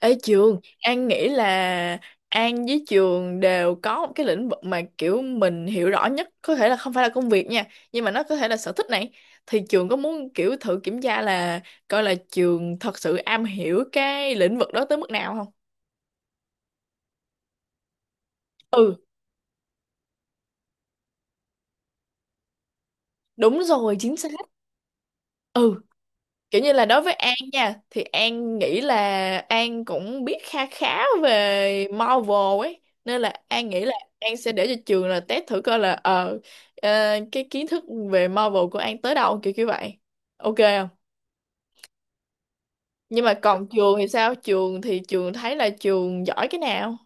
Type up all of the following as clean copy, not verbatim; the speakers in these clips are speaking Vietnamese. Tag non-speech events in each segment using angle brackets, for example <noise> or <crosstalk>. Ê trường, An nghĩ là An với trường đều có một cái lĩnh vực mà kiểu mình hiểu rõ nhất, có thể là không phải là công việc nha, nhưng mà nó có thể là sở thích này. Thì trường có muốn kiểu thử kiểm tra là coi là trường thật sự am hiểu cái lĩnh vực đó tới mức nào không? Ừ, đúng rồi, chính xác. Ừ. Kiểu như là đối với An nha thì An nghĩ là An cũng biết kha khá về Marvel ấy, nên là An nghĩ là An sẽ để cho trường là test thử coi là cái kiến thức về Marvel của An tới đâu, kiểu kiểu vậy, ok không? Nhưng mà còn trường thì sao? Trường thì trường thấy là trường giỏi cái nào?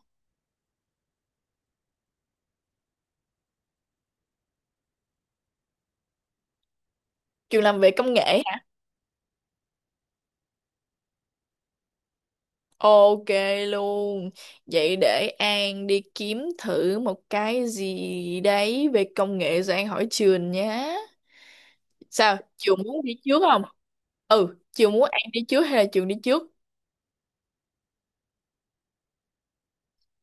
Trường làm về công nghệ hả? Ok luôn. Vậy để An đi kiếm thử một cái gì đấy về công nghệ rồi An hỏi trường nhé. Sao Trường muốn đi trước không? Ừ, Trường muốn An đi trước hay là Trường đi trước?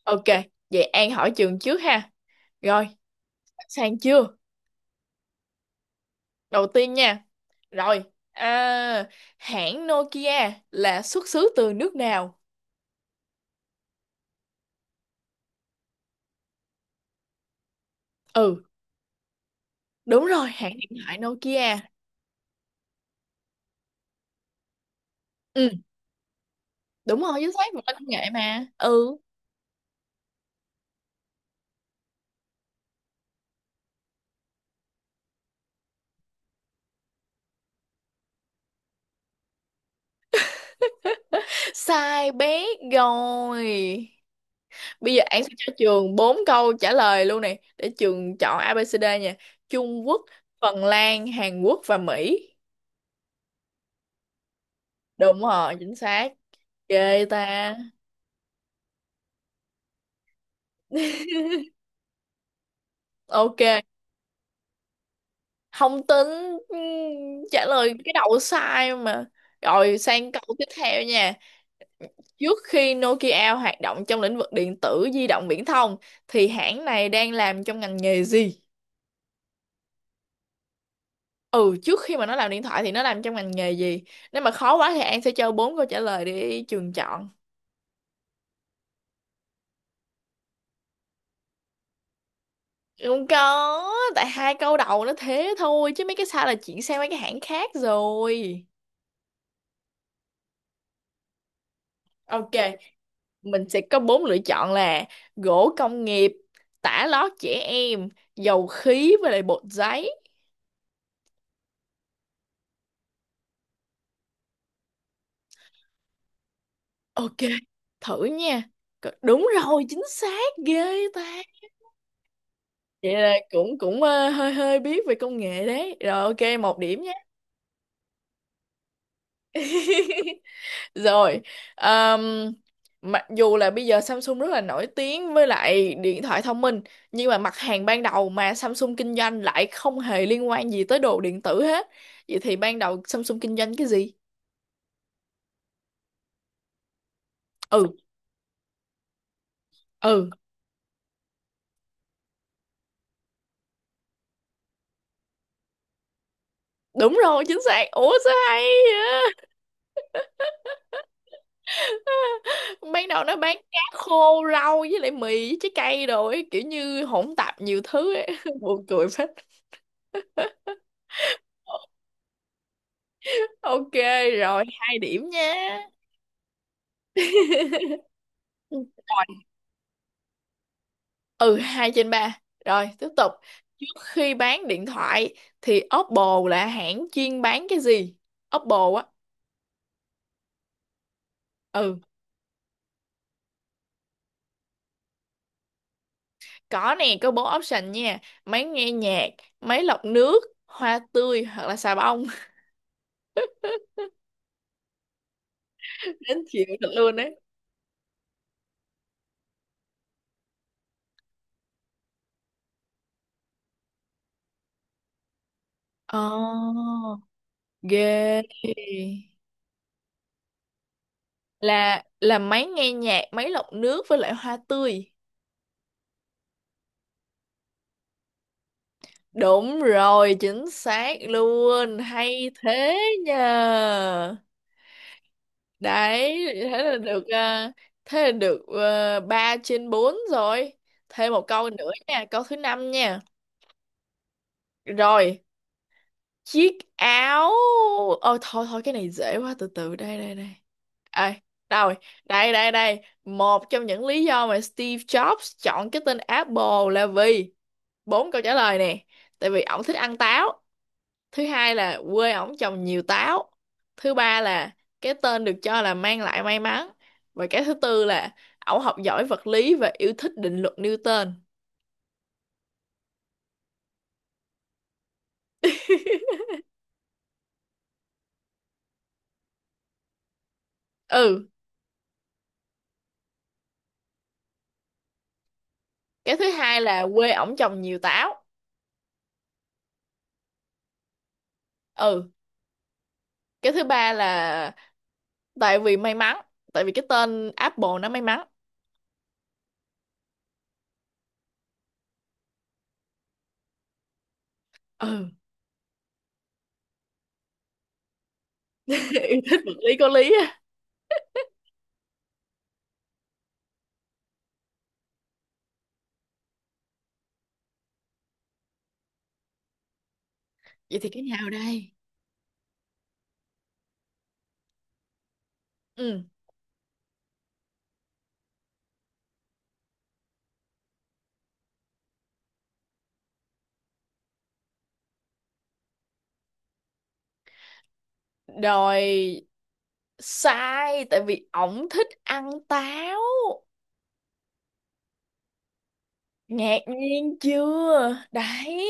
Ok, vậy An hỏi Trường trước ha. Rồi, sang chưa? Đầu tiên nha. Rồi, à, hãng Nokia là xuất xứ từ nước nào? Ừ. Đúng rồi, hãng điện thoại Nokia. Ừ, đúng rồi, chính xác, một công nghệ mà. Ừ. Sai bé. Rồi, bây giờ An sẽ cho Trường bốn câu trả lời luôn này để Trường chọn ABCD nha. Trung Quốc, Phần Lan, Hàn Quốc và Mỹ. Đúng rồi, chính xác, ghê ta. Ok, không tính. ừm, Trả lời cái đầu sai mà. Rồi, sang câu tiếp theo nha. Trước khi Nokia hoạt động trong lĩnh vực điện tử di động viễn thông thì hãng này đang làm trong ngành nghề gì? Ừ, trước khi mà nó làm điện thoại thì nó làm trong ngành nghề gì? Nếu mà khó quá thì An sẽ cho bốn câu trả lời để trường chọn. Không có, tại hai câu đầu nó thế thôi, chứ mấy cái sau là chuyển sang mấy cái hãng khác rồi. Ok, mình sẽ có bốn lựa chọn là gỗ công nghiệp, tả lót trẻ em, dầu khí với lại bột giấy. Ok, thử nha. Đúng rồi, chính xác, ghê ta. Vậy là cũng cũng hơi hơi biết về công nghệ đấy. Rồi ok, một điểm nhé. <laughs> Rồi, ờm, mặc dù là bây giờ Samsung rất là nổi tiếng với lại điện thoại thông minh, nhưng mà mặt hàng ban đầu mà Samsung kinh doanh lại không hề liên quan gì tới đồ điện tử hết. Vậy thì ban đầu Samsung kinh doanh cái gì? Ừ. Ừ, đúng rồi, chính xác. Ủa sao hay vậy? Ban đầu nó bán cá khô, rau với lại mì với trái cây rồi ấy, kiểu như hỗn tạp nhiều thứ ấy. <laughs> Buồn cười phết. Ok, rồi hai điểm nha. Rồi. Ừ, hai trên ba. Rồi, tiếp tục. Trước khi bán điện thoại thì Oppo là hãng chuyên bán cái gì? Oppo á. Ừ. Có nè, có bốn option nha. Máy nghe nhạc, máy lọc nước, hoa tươi hoặc là xà bông. <laughs> Đến chịu thật luôn đấy. Oh, ghê. Là máy nghe nhạc, máy lọc nước với lại hoa tươi. Đúng rồi, chính xác luôn. Hay thế nhờ. Đấy, thế là được ờ, thế là được, 3 trên 4 rồi. Thêm một câu nữa nha, câu thứ năm nha. Rồi, chiếc áo ờ thôi thôi, cái này dễ quá. Từ từ, đây đây đây. Ê, đâu rồi? Đây đây đây, một trong những lý do mà Steve Jobs chọn cái tên Apple là vì, bốn câu trả lời nè: tại vì ổng thích ăn táo; thứ hai là quê ổng trồng nhiều táo; thứ ba là cái tên được cho là mang lại may mắn; và cái thứ tư là ổng học giỏi vật lý và yêu thích định luật Newton. <laughs> Ừ, cái thứ hai là quê ổng trồng nhiều táo. Ừ, cái thứ ba là tại vì may mắn, tại vì cái tên Apple nó may mắn. Ừ. <laughs> Yêu thích vật lý có lý á. Vậy thì cái nào đây? Ừ, rồi, sai, tại vì ổng thích ăn táo. Ngạc nhiên chưa đấy,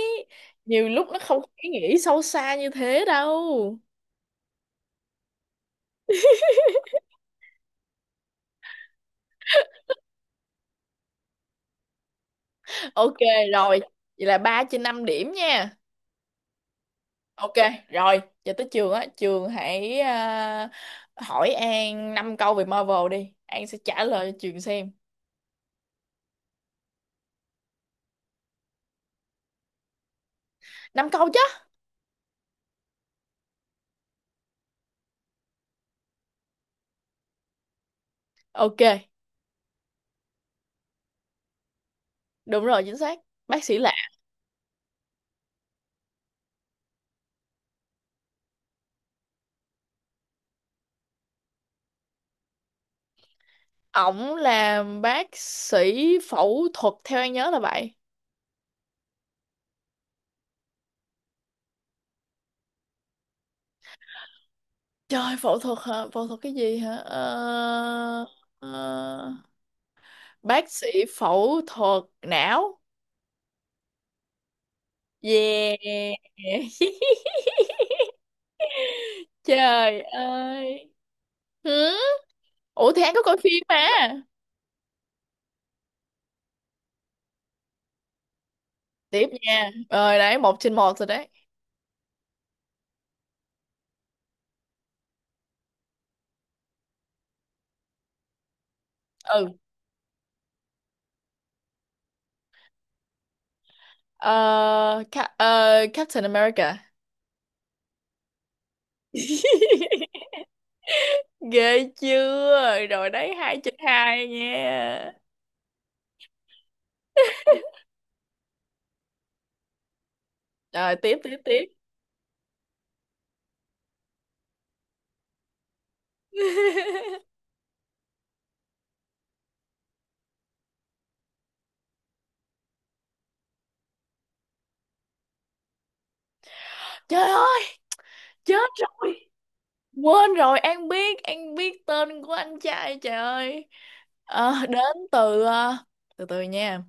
nhiều lúc nó không có ý nghĩa sâu xa như thế đâu. Ok, rồi, vậy là 3 trên 5 điểm nha. Ok, rồi, giờ tới trường á, trường hãy hỏi An 5 câu về Marvel đi. An sẽ trả lời cho trường xem. Năm câu chứ? Ok, đúng rồi, chính xác. Bác sĩ lạ. Ổng làm bác sĩ phẫu thuật, theo An nhớ là vậy. Trời, phẫu thuật hả? Phẫu thuật cái gì hả? Ờ, ờ, bác sĩ phẫu thuật não. Yeah. <laughs> Trời ơi. Hử? Ủa thì An có coi phim mà. Tiếp nha, rồi đấy, một trên một rồi đấy. Ừ. Ờ, Captain America. <laughs> Ghê chưa, rồi đấy, hai trên hai nha. Rồi, tiếp tiếp tiếp. <laughs> Trời ơi, chết rồi, quên rồi, An biết tên của anh trai, trời ơi. Ờ, từ từ nha.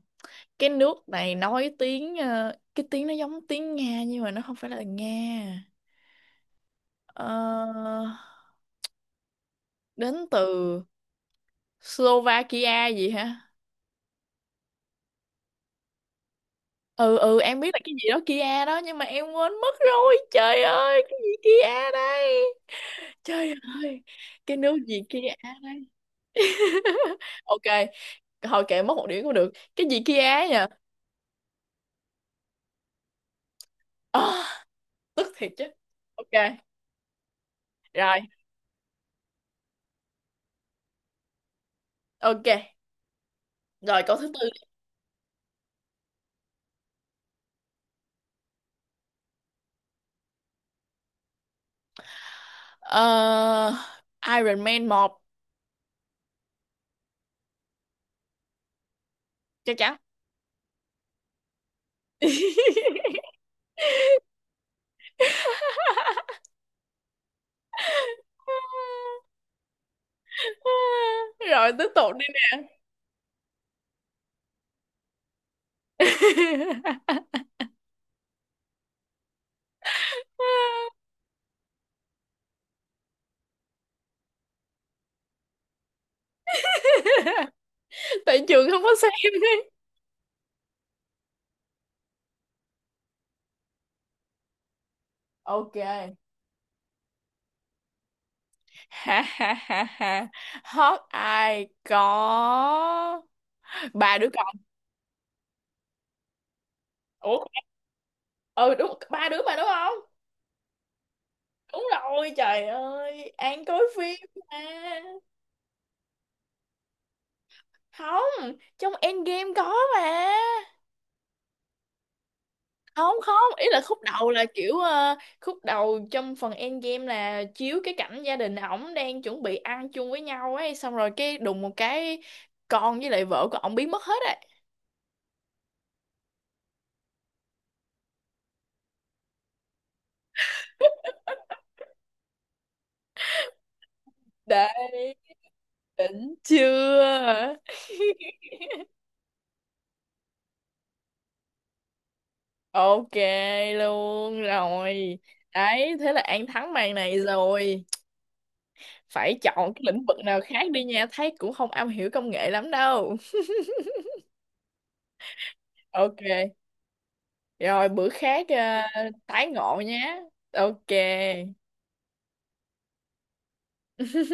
Cái nước này cái tiếng nó giống tiếng Nga nhưng mà nó không phải là Nga. Ờ, đến từ Slovakia gì hả? Ừ ừ, em biết là cái gì đó Kia đó, nhưng mà em quên mất rồi. Trời ơi, cái gì Kia đây? Trời ơi, cái nước gì Kia đây? <laughs> Ok, thôi kệ, mất một điểm cũng được. Cái gì Kia nhỉ? Ờ, tức thiệt chứ. Ok, rồi. Ok. Rồi câu thứ tư. Ờ, Iron Man một. Chắc chắn. <laughs> Rồi tiếp tục đi nè. <laughs> <laughs> Tại trường không có xem ấy. Ok. Ha ha ha ha, hot ai có ba đứa con. Ủa. Ừ, đúng ba đứa mà, đúng không? Đúng rồi, trời ơi, An coi phim mà. Không, trong Endgame có mà. Không không, ý là khúc đầu là kiểu khúc đầu trong phần Endgame là chiếu cái cảnh gia đình ổng đang chuẩn bị ăn chung với nhau ấy, xong rồi cái đùng một cái, con với lại vợ của ổng biến mất hết. Đấy, đỉnh chưa? <laughs> Ok luôn rồi. Đấy, thế là An thắng màn này rồi. Phải chọn cái lĩnh vực nào khác đi nha, thấy cũng không am hiểu công nghệ lắm đâu. Ok, rồi bữa khác tái ngộ nhé. Ok. <laughs>